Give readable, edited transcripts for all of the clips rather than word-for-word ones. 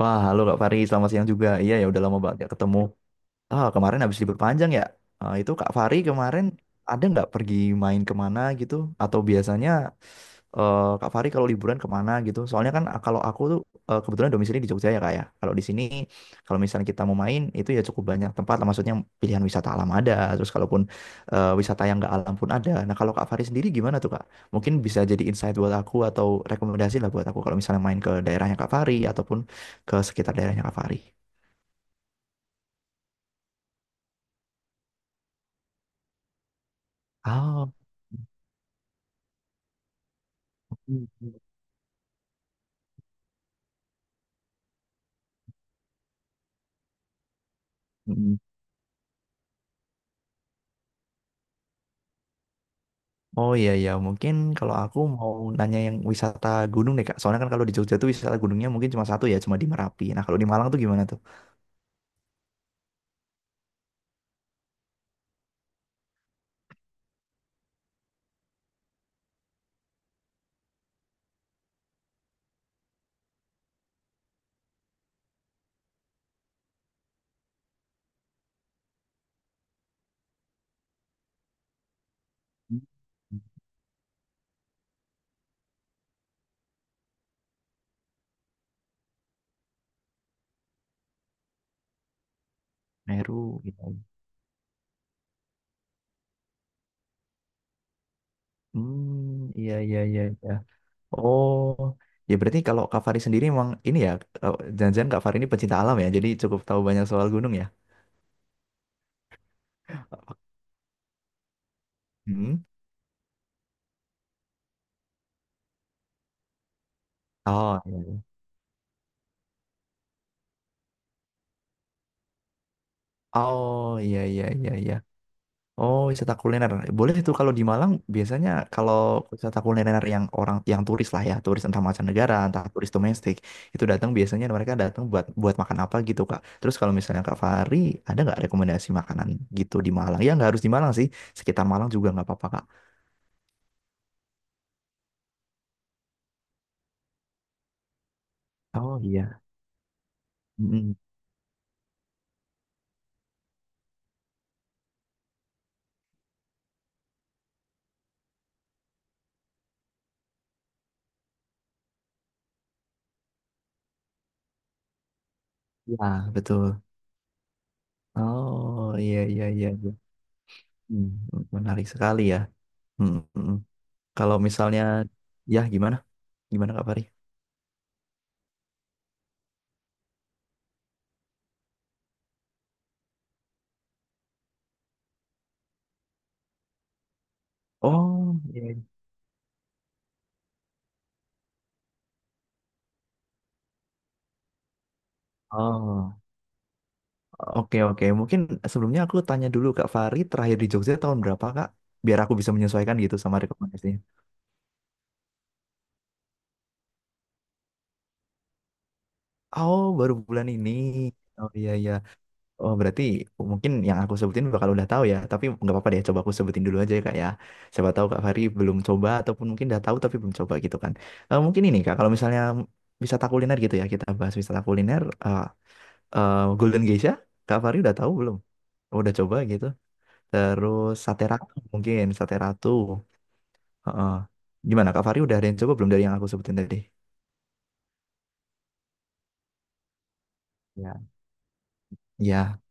Wah, halo Kak Fari, selamat siang juga. Iya ya, udah lama banget gak ketemu. Kemarin habis libur panjang ya. Itu Kak Fari kemarin ada nggak pergi main kemana gitu? Atau biasanya Kak Fari kalau liburan kemana gitu? Soalnya kan kalau aku tuh kebetulan domisili di Jogja ya Kak ya. Kalau di sini kalau misalnya kita mau main itu ya cukup banyak tempat lah. Maksudnya pilihan wisata alam ada. Terus kalaupun wisata yang nggak alam pun ada. Nah kalau Kak Fari sendiri gimana tuh Kak? Mungkin bisa jadi insight buat aku atau rekomendasi lah buat aku kalau misalnya main ke daerahnya Kak Fari ataupun ke sekitar daerahnya Kak Fari. Oh. Mm. Oh iya iya mungkin kalau aku mau nanya yang wisata gunung deh Kak. Soalnya kan kalau di Jogja tuh wisata gunungnya mungkin cuma satu ya, cuma di Merapi. Nah kalau di Malang tuh gimana tuh? Hmm. Meru gitu. Hmm iya iya iya iya. Oh ya berarti kalau Kak Fari sendiri emang ini ya, jangan-jangan Kak Fari ini pecinta alam ya, jadi cukup tahu banyak soal gunung ya. Hmm. Oh iya. Iya. Oh iya iya iya iya. Oh, wisata kuliner. Boleh itu kalau di Malang biasanya kalau wisata kuliner yang orang yang turis lah ya, turis entah mancanegara, entah turis domestik, itu datang biasanya mereka datang buat buat makan apa gitu, Kak. Terus kalau misalnya Kak Fahri, ada nggak rekomendasi makanan gitu di Malang? Ya nggak harus di Malang sih, sekitar Malang juga nggak apa-apa, Kak. Oh iya. Mm-mm. Ya, betul. Oh, iya iya iya. Iya. Hmm, menarik sekali ya. Mm, mm, mm. Kalau misalnya ya gimana? Gimana Kak Fahri? Oh, iya. Iya. Oh. Oke, oke. Mungkin sebelumnya aku tanya dulu Kak Fari, terakhir di Jogja tahun berapa Kak? Biar aku bisa menyesuaikan gitu sama rekomendasinya. Oh, baru bulan ini. Oh iya, iya. Oh, berarti mungkin yang aku sebutin bakal udah tahu ya. Tapi nggak apa-apa deh, coba aku sebutin dulu aja ya Kak ya. Siapa tahu Kak Fari belum coba, ataupun mungkin udah tahu tapi belum coba gitu kan. Mungkin ini Kak, kalau misalnya wisata kuliner gitu ya, kita bahas wisata kuliner. Golden Geisha, Kak Fari udah tahu belum? Udah coba gitu. Terus Sate Ratu mungkin, Sate Ratu. Heeh. Gimana Kak Fari udah ada yang coba belum dari yang aku sebutin tadi? Ya. Ya.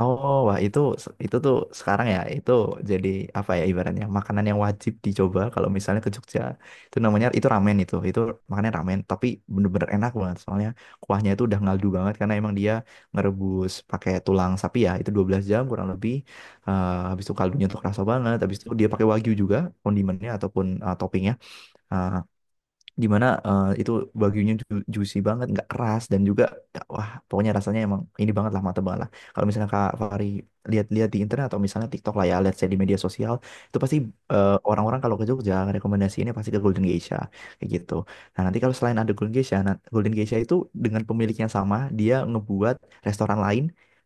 Oh, wah itu tuh sekarang ya itu jadi apa ya ibaratnya makanan yang wajib dicoba kalau misalnya ke Jogja. Itu namanya itu ramen itu. Itu makannya ramen tapi bener-bener enak banget soalnya kuahnya itu udah ngaldu banget karena emang dia ngerebus pakai tulang sapi ya. Itu 12 jam kurang lebih. Habis itu kaldunya tuh kerasa banget. Habis itu dia pakai wagyu juga kondimennya ataupun toppingnya. Eh, Gimana itu bagunya juicy banget nggak keras dan juga wah pokoknya rasanya emang ini banget lah mata banget lah kalau misalnya Kak Fari lihat-lihat di internet atau misalnya TikTok lah ya let's say di media sosial itu pasti orang-orang kalau ke Jogja rekomendasi ini pasti ke Golden Geisha kayak gitu nah nanti kalau selain ada Golden Geisha nah, Golden Geisha itu dengan pemiliknya sama dia ngebuat restoran lain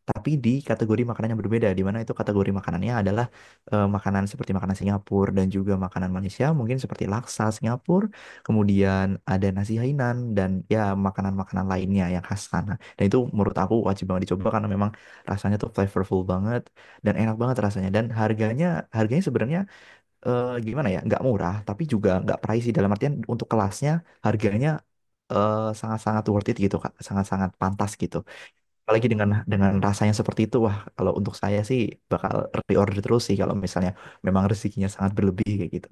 tapi di kategori makanan yang berbeda di mana itu kategori makanannya adalah makanan seperti makanan Singapura dan juga makanan Malaysia mungkin seperti laksa Singapura. Kemudian ada nasi Hainan dan ya makanan-makanan lainnya yang khas sana. Dan itu menurut aku wajib banget dicoba karena memang rasanya tuh flavorful banget dan enak banget rasanya. Dan harganya harganya sebenarnya gimana ya? Nggak murah tapi juga nggak pricey dalam artian untuk kelasnya harganya sangat-sangat worth it gitu Kak. Sangat-sangat pantas gitu apalagi dengan rasanya seperti itu wah kalau untuk saya sih bakal reorder terus sih kalau misalnya memang rezekinya sangat berlebih kayak gitu.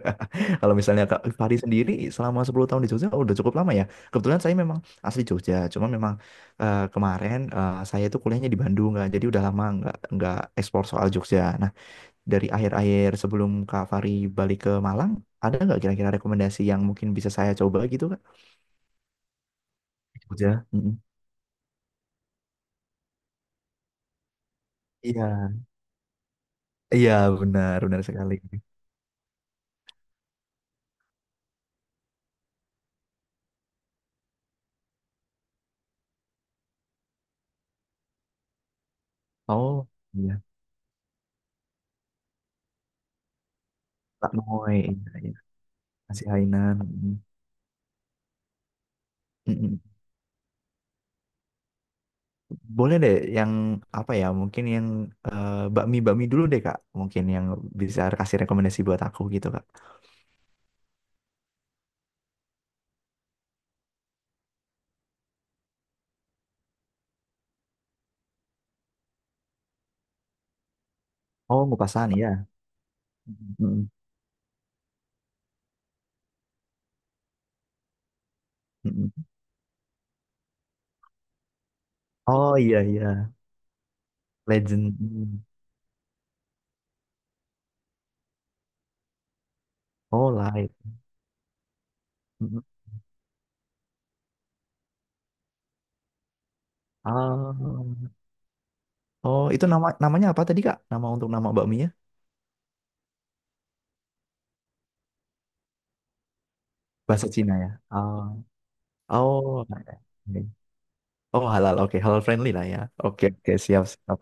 Kalau misalnya Kak Fahri sendiri selama 10 tahun di Jogja oh, udah cukup lama ya kebetulan saya memang asli Jogja cuma memang kemarin saya itu kuliahnya di Bandung nggak jadi udah lama nggak ekspor soal Jogja nah dari akhir-akhir sebelum Kak Fahri balik ke Malang ada nggak kira-kira rekomendasi yang mungkin bisa saya coba gitu Kak Jogja. Mm-mm. Iya, iya benar, benar sekali. Oh, iya. Pak Moy, iya, iya. Nasi Hainan. Mm, mm, mm. Boleh deh yang apa ya? Mungkin yang bakmi-bakmi dulu deh, Kak. Mungkin yang bisa kasih rekomendasi buat aku gitu, Kak. Oh, ngupasan, iya. Mm, mm, mm. Oh, iya, iya. Legend. Mm. Oh, light. Mm, mm. Ah. Oh, itu namanya apa tadi, Kak? Nama untuk nama bakminya? Bahasa Cina ya? Ah. Oh, oke. Oh, halal. Oke, halal friendly lah ya. Oke, oke, siap. Siap.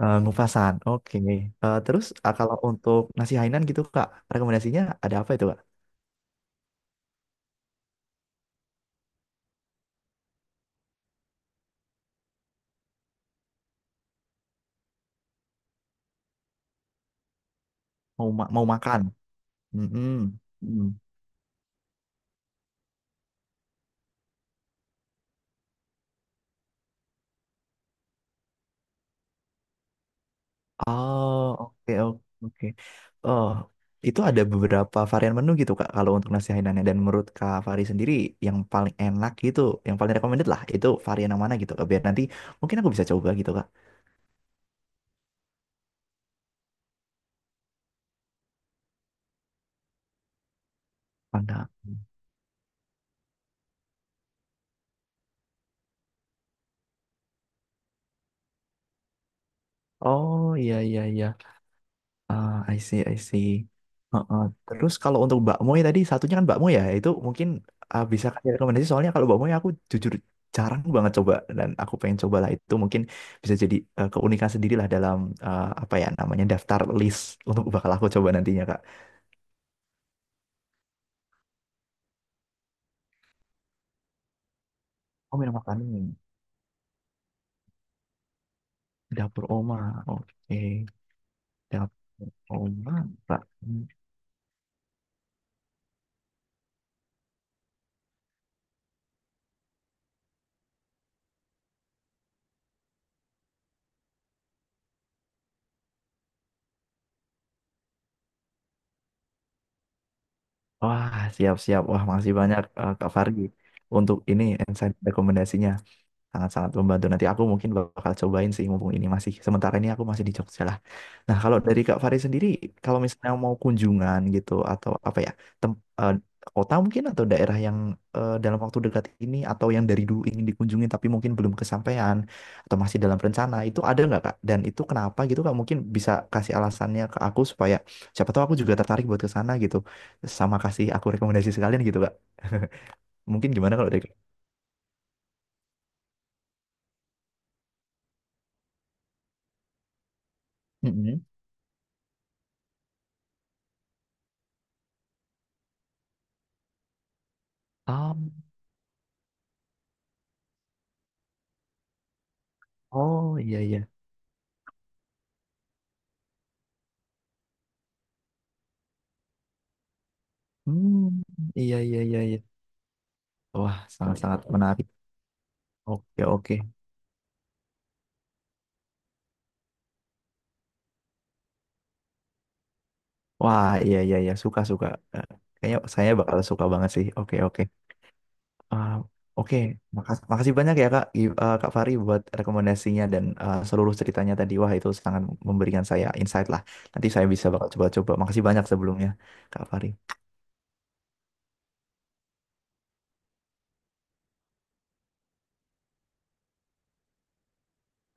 Ngupasan, oke. Terus kalau untuk nasi Hainan gitu kak, rekomendasinya ada apa itu kak? Mau makan? Mm-mm. Mm. Oh oke oke oke. Oh itu ada beberapa varian menu gitu kak kalau untuk nasi Hainannya dan menurut kak Fari sendiri yang paling enak gitu, yang paling recommended lah itu varian yang mana gitu kak? Biar nanti mungkin aku bisa coba gitu kak. Mana? Oh iya iya iya. I see, I see. Heeh. Terus kalau untuk bakmoy tadi satunya kan bakmoy ya, itu mungkin bisa kasih rekomendasi soalnya kalau bakmoy aku jujur jarang banget coba dan aku pengen cobalah itu mungkin bisa jadi keunikan sendiri lah dalam apa ya namanya daftar list untuk bakal aku coba nantinya Kak. Oh, minum makanan dapur oma. Oke, Dapur oma. Pak. Wah, siap-siap. Wah, masih banyak Kak Fargi untuk ini insight rekomendasinya. Sangat-sangat membantu. Nanti aku mungkin bakal cobain sih mumpung ini masih sementara ini aku masih di Jogja lah. Nah, kalau dari Kak Fari sendiri kalau misalnya mau kunjungan gitu atau apa ya, tem eh, kota mungkin atau daerah yang dalam waktu dekat ini atau yang dari dulu ingin dikunjungi tapi mungkin belum kesampaian atau masih dalam rencana, itu ada nggak Kak? Dan itu kenapa gitu Kak? Mungkin bisa kasih alasannya ke aku supaya siapa tahu aku juga tertarik buat ke sana gitu. Sama kasih aku rekomendasi sekalian gitu Kak. Mungkin gimana kalau dari Kak? Mm-mm. Um, Oh iya iya. Hmm, iya iya iya iya. Wah, sangat-sangat menarik. Oke oke. Wah, iya iya iya, suka suka. Eh, Kayaknya saya bakal suka banget sih. Oke oke. Ah, oke, makasih banyak ya Kak Fari buat rekomendasinya dan seluruh ceritanya tadi. Wah, itu sangat memberikan saya insight lah. Nanti saya bisa bakal coba-coba. Makasih banyak sebelumnya Kak Fari.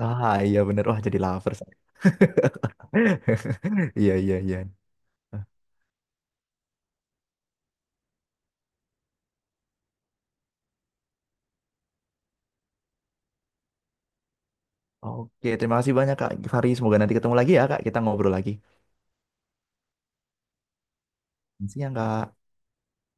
Iya bener. Wah, jadi lover saya. Iya iya iya. Eh, Oke, terima kasih banyak Kak Fari. Semoga nanti ketemu lagi ya Kak. Kita ngobrol lagi. Siang, Kak.